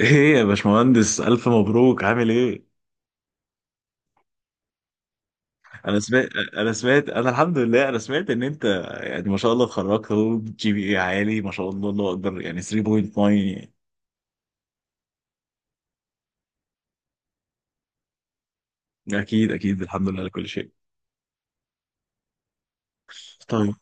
ايه يا باشمهندس، الف مبروك. عامل ايه؟ انا سمعت انا سمعت انا الحمد لله انا سمعت ان انت، يعني ما شاء الله، اتخرجت اهو. جي بي اي عالي ما شاء الله، الله اكبر، يعني 3.9. اكيد اكيد، الحمد لله على كل شيء. طيب،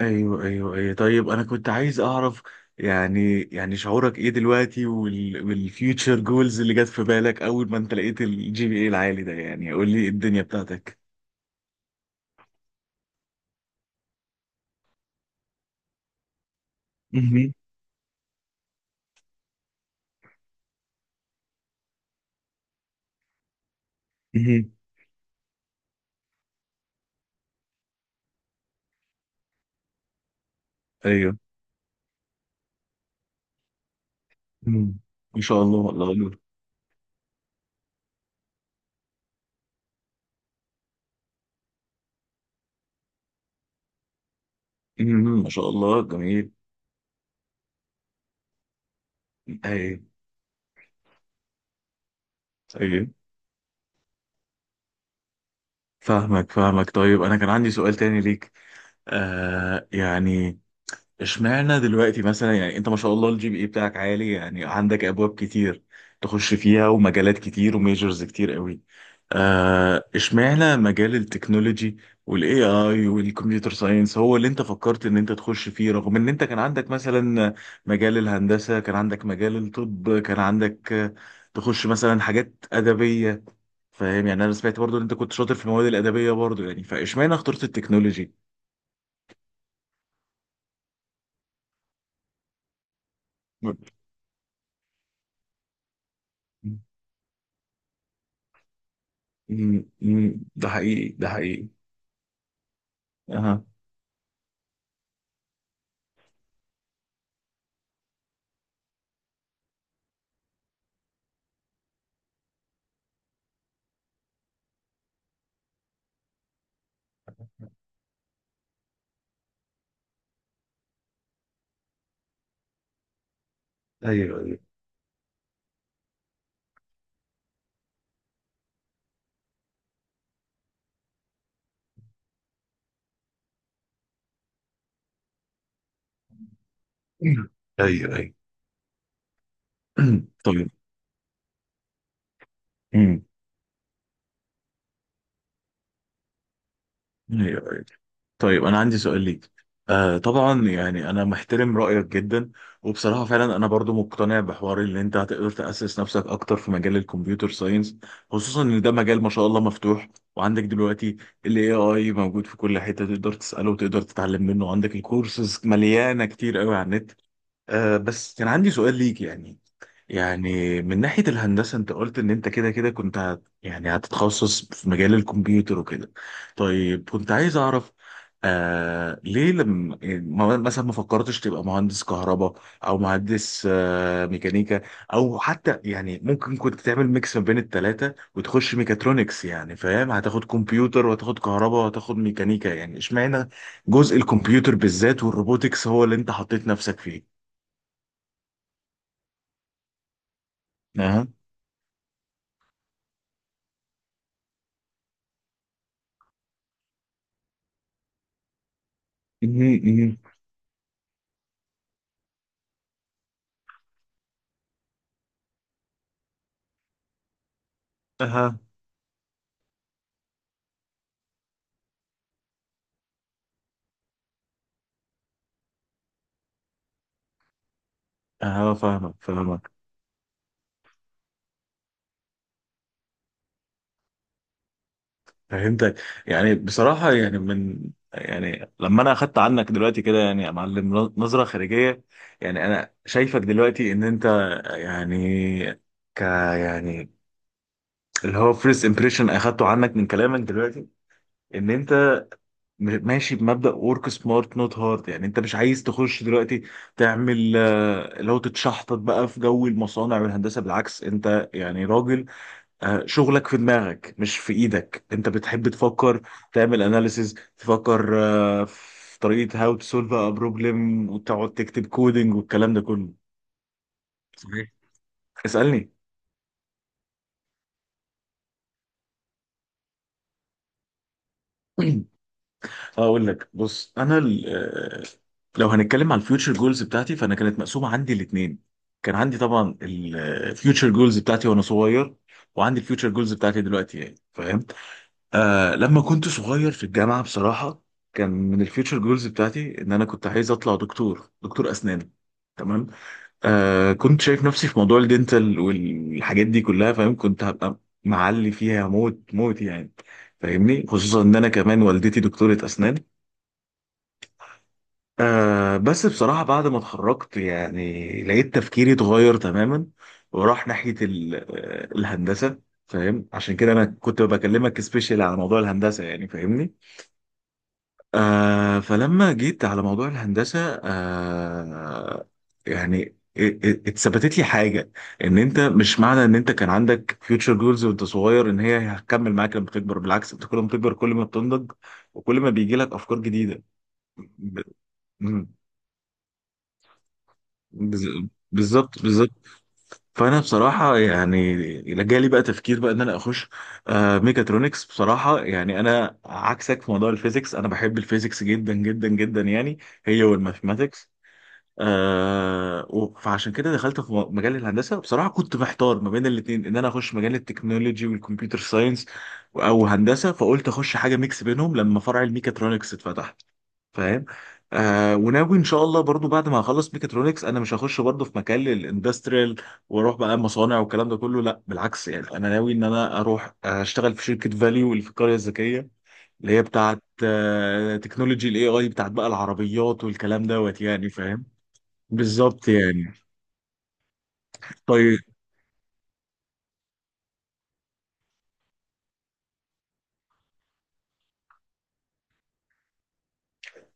ايوه ايوه ايوه، طيب انا كنت عايز اعرف، يعني شعورك ايه دلوقتي، والفيوتشر جولز اللي جت في بالك اول ما انت لقيت الجي بي اي العالي ده؟ يعني قول لي إيه الدنيا بتاعتك. مهم. مهم. ايوه. مهم. ان شاء الله، الله. ما شاء الله، جميل. ايوه ايوه، فاهمك فاهمك. طيب انا كان عندي سؤال تاني ليك. يعني اشمعنى دلوقتي مثلا، يعني انت ما شاء الله الجي بي اي بتاعك عالي، يعني عندك ابواب كتير تخش فيها ومجالات كتير وميجرز كتير قوي. اشمعنى مجال التكنولوجي والاي اي والكمبيوتر ساينس هو اللي انت فكرت ان انت تخش فيه، رغم ان انت كان عندك مثلا مجال الهندسة، كان عندك مجال الطب، كان عندك، تخش مثلا حاجات أدبية؟ فاهم، يعني انا سمعت برضو ان انت كنت شاطر في المواد الادبيه برضو، يعني فاشمعنى اخترت التكنولوجي؟ م- ده حقيقي، ده حقيقي. اها، ايوه ايوه ايوه ايوه. طيب، ايوه ايوه، طيب انا عندي سؤال ليك. طبعا يعني انا محترم رايك جدا، وبصراحه فعلا انا برضو مقتنع بحوار اللي انت هتقدر تاسس نفسك اكتر في مجال الكمبيوتر ساينس، خصوصا ان ده مجال ما شاء الله مفتوح. وعندك دلوقتي الاي اي موجود في كل حته، تقدر تساله وتقدر تتعلم منه، عندك الكورسز مليانه كتير قوي على النت. بس كان عندي سؤال ليك، يعني يعني من ناحية الهندسة انت قلت ان انت كده كده كنت هت يعني هتتخصص في مجال الكمبيوتر وكده. طيب كنت عايز اعرف، ليه لما مثلا ما فكرتش تبقى مهندس كهرباء، او مهندس ميكانيكا، او حتى يعني ممكن كنت تعمل ميكس ما بين التلاتة وتخش ميكاترونكس؟ يعني فاهم، هتاخد كمبيوتر وهتاخد كهرباء وهتاخد ميكانيكا. يعني اشمعنى جزء الكمبيوتر بالذات والروبوتكس هو اللي انت حطيت نفسك فيه؟ اها، مهم، مهم. اها، اه، فاهمك فاهمك. فهمتك. يعني بصراحة، يعني من، يعني لما انا اخدت عنك دلوقتي كده يعني يا معلم نظرة خارجية، يعني انا شايفك دلوقتي ان انت، يعني، يعني اللي هو فيرست امبريشن اخدته عنك من كلامك دلوقتي، ان انت ماشي بمبدأ ورك سمارت نوت هارد. يعني انت مش عايز تخش دلوقتي تعمل اللي هو تتشحطط بقى في جو المصانع والهندسة. بالعكس، انت يعني راجل شغلك في دماغك مش في ايدك. انت بتحب تفكر، تعمل اناليسز، تفكر في طريقة هاو تو سولف ا بروبلم، وتقعد تكتب كودينج والكلام ده كله. صحيح. اسألني. اقول لك، بص انا لو هنتكلم على الفيوتشر جولز بتاعتي، فانا كانت مقسومة عندي الاثنين. كان عندي طبعا الفيوتشر جولز بتاعتي وانا صغير، وعندي الفيوتشر جولز بتاعتي دلوقتي، يعني فاهم. لما كنت صغير في الجامعة بصراحة، كان من الفيوتشر جولز بتاعتي ان انا كنت عايز اطلع دكتور، دكتور اسنان. تمام. كنت شايف نفسي في موضوع الدنتال والحاجات دي كلها، فاهم. كنت هبقى معلي فيها موت موت يعني. فاهمني، خصوصا ان انا كمان والدتي دكتورة اسنان. بس بصراحة بعد ما اتخرجت، يعني لقيت تفكيري اتغير تماما، وراح ناحية الهندسة. فاهم، عشان كده انا كنت بكلمك سبيشال على موضوع الهندسة، يعني فاهمني. فلما جيت على موضوع الهندسة، يعني اتثبتت لي حاجة، ان انت مش معنى ان انت كان عندك future goals وانت صغير، ان هي هتكمل معاك لما تكبر. بالعكس، انت كل ما بتكبر كل ما بتنضج، وكل ما بيجي لك افكار جديدة. ب- مم. بز- بالظبط، بالظبط. فانا بصراحة يعني جالي بقى تفكير بقى ان انا اخش ميكاترونكس. بصراحة يعني انا عكسك في موضوع الفيزيكس. انا بحب الفيزيكس جدا جدا جدا، يعني هي والماثماتكس. فعشان كده دخلت في مجال الهندسه. بصراحه كنت محتار ما بين الاثنين، ان انا اخش مجال التكنولوجي والكمبيوتر ساينس او هندسه، فقلت اخش حاجه ميكس بينهم لما فرع الميكاترونكس اتفتح، فاهم. وناوي ان شاء الله برضو بعد ما اخلص ميكاترونكس، انا مش هخش برضو في مكان الاندستريال واروح بقى مصانع والكلام ده كله، لا. بالعكس يعني انا ناوي ان انا اروح اشتغل في شركه فاليو اللي في القريه الذكيه، اللي هي بتاعت تكنولوجي الاي اي، بتاعت بقى العربيات والكلام دوت، يعني فاهم. بالظبط يعني. طيب.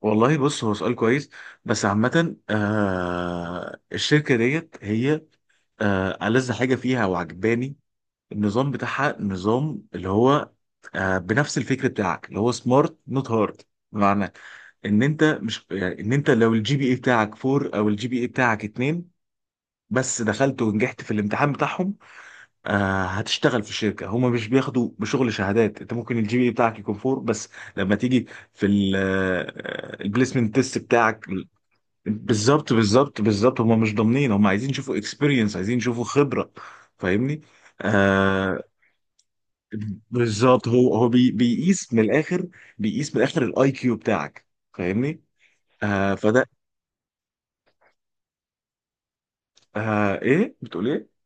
والله بص، هو سؤال كويس، بس عامة الشركة ديت هي، ألذ حاجة فيها وعجباني النظام اللي هو بنفس الفكر بتاعك اللي هو سمارت نوت هارد. بمعنى ان انت مش، يعني ان انت لو الجي بي اي بتاعك 4 او الجي بي اي بتاعك 2 بس دخلت ونجحت في الامتحان بتاعهم، هتشتغل في شركه. هما مش بياخدوا بشغل شهادات، انت ممكن الجي بي بتاعك يكون فور بس لما تيجي في البليسمنت تيست بتاعك، بالظبط بالظبط بالظبط. هما مش ضامنين، هما عايزين يشوفوا اكسبيرينس، عايزين يشوفوا خبره، فاهمني. آه بالظبط، هو بيقيس من الاخر، بيقيس من الاخر الاي كيو بتاعك، فاهمني. فده. ايه بتقول ايه؟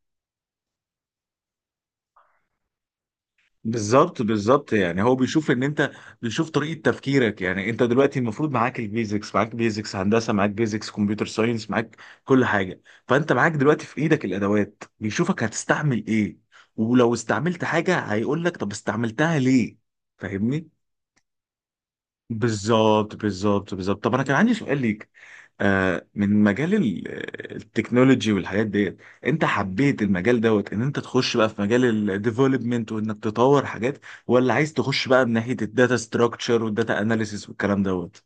بالظبط، بالظبط، يعني هو بيشوف ان انت، بيشوف طريقه تفكيرك. يعني انت دلوقتي المفروض معاك البيزكس، معاك بيزكس هندسه، معاك بيزكس كمبيوتر ساينس، معاك كل حاجه. فانت معاك دلوقتي في ايدك الادوات، بيشوفك هتستعمل ايه. ولو استعملت حاجه هيقول لك طب استعملتها ليه، فاهمني. بالظبط بالظبط بالظبط. طب انا كان عندي سؤال ليك، من مجال التكنولوجي والحاجات ديت. انت حبيت المجال دوت ان انت تخش بقى في مجال الديفلوبمنت وانك تطور حاجات، ولا عايز تخش بقى من ناحية الداتا ستراكشر والداتا اناليسيس والكلام دوت؟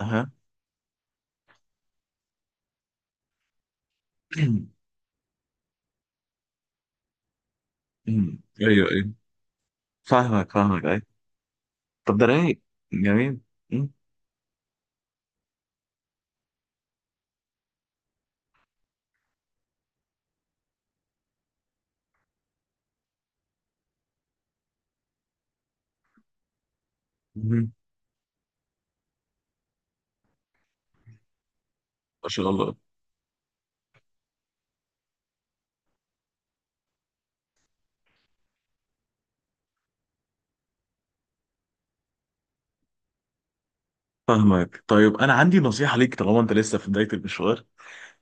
اها. أمم. ايوه ايوه، فاهمك فاهمك، ايوه. طب ده رايق، جميل. أمم. أمم. ما شاء الله، فاهمك. طيب انا عندي نصيحة ليك، طالما انت لسه في بداية المشوار،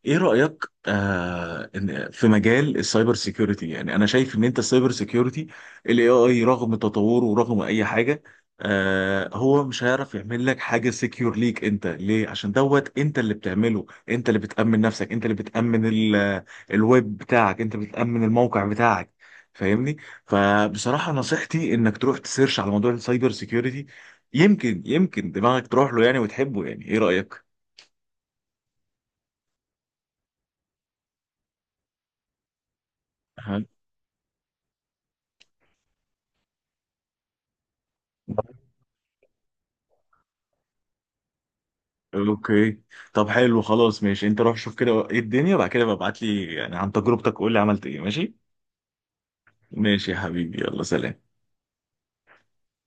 ايه رأيك في مجال السايبر سيكيورتي؟ يعني انا شايف ان انت السايبر سيكيورتي، الاي اي رغم تطوره ورغم اي حاجة، هو مش هيعرف يعمل لك حاجة سيكيور ليك انت، ليه؟ عشان دوت انت اللي بتعمله، انت اللي بتأمن نفسك، انت اللي بتأمن الويب بتاعك، انت بتأمن الموقع بتاعك، فاهمني. فبصراحة نصيحتي انك تروح تسيرش على موضوع السايبر سيكيورتي، يمكن دماغك تروح له يعني وتحبه يعني. ايه رأيك؟ أها. اوكي. طب حلو، خلاص، ماشي، انت روح شوف كده ايه الدنيا وبعد كده ببعت لي يعني عن تجربتك، قول لي عملت ايه. ماشي. ماشي يا حبيبي، يلا سلام.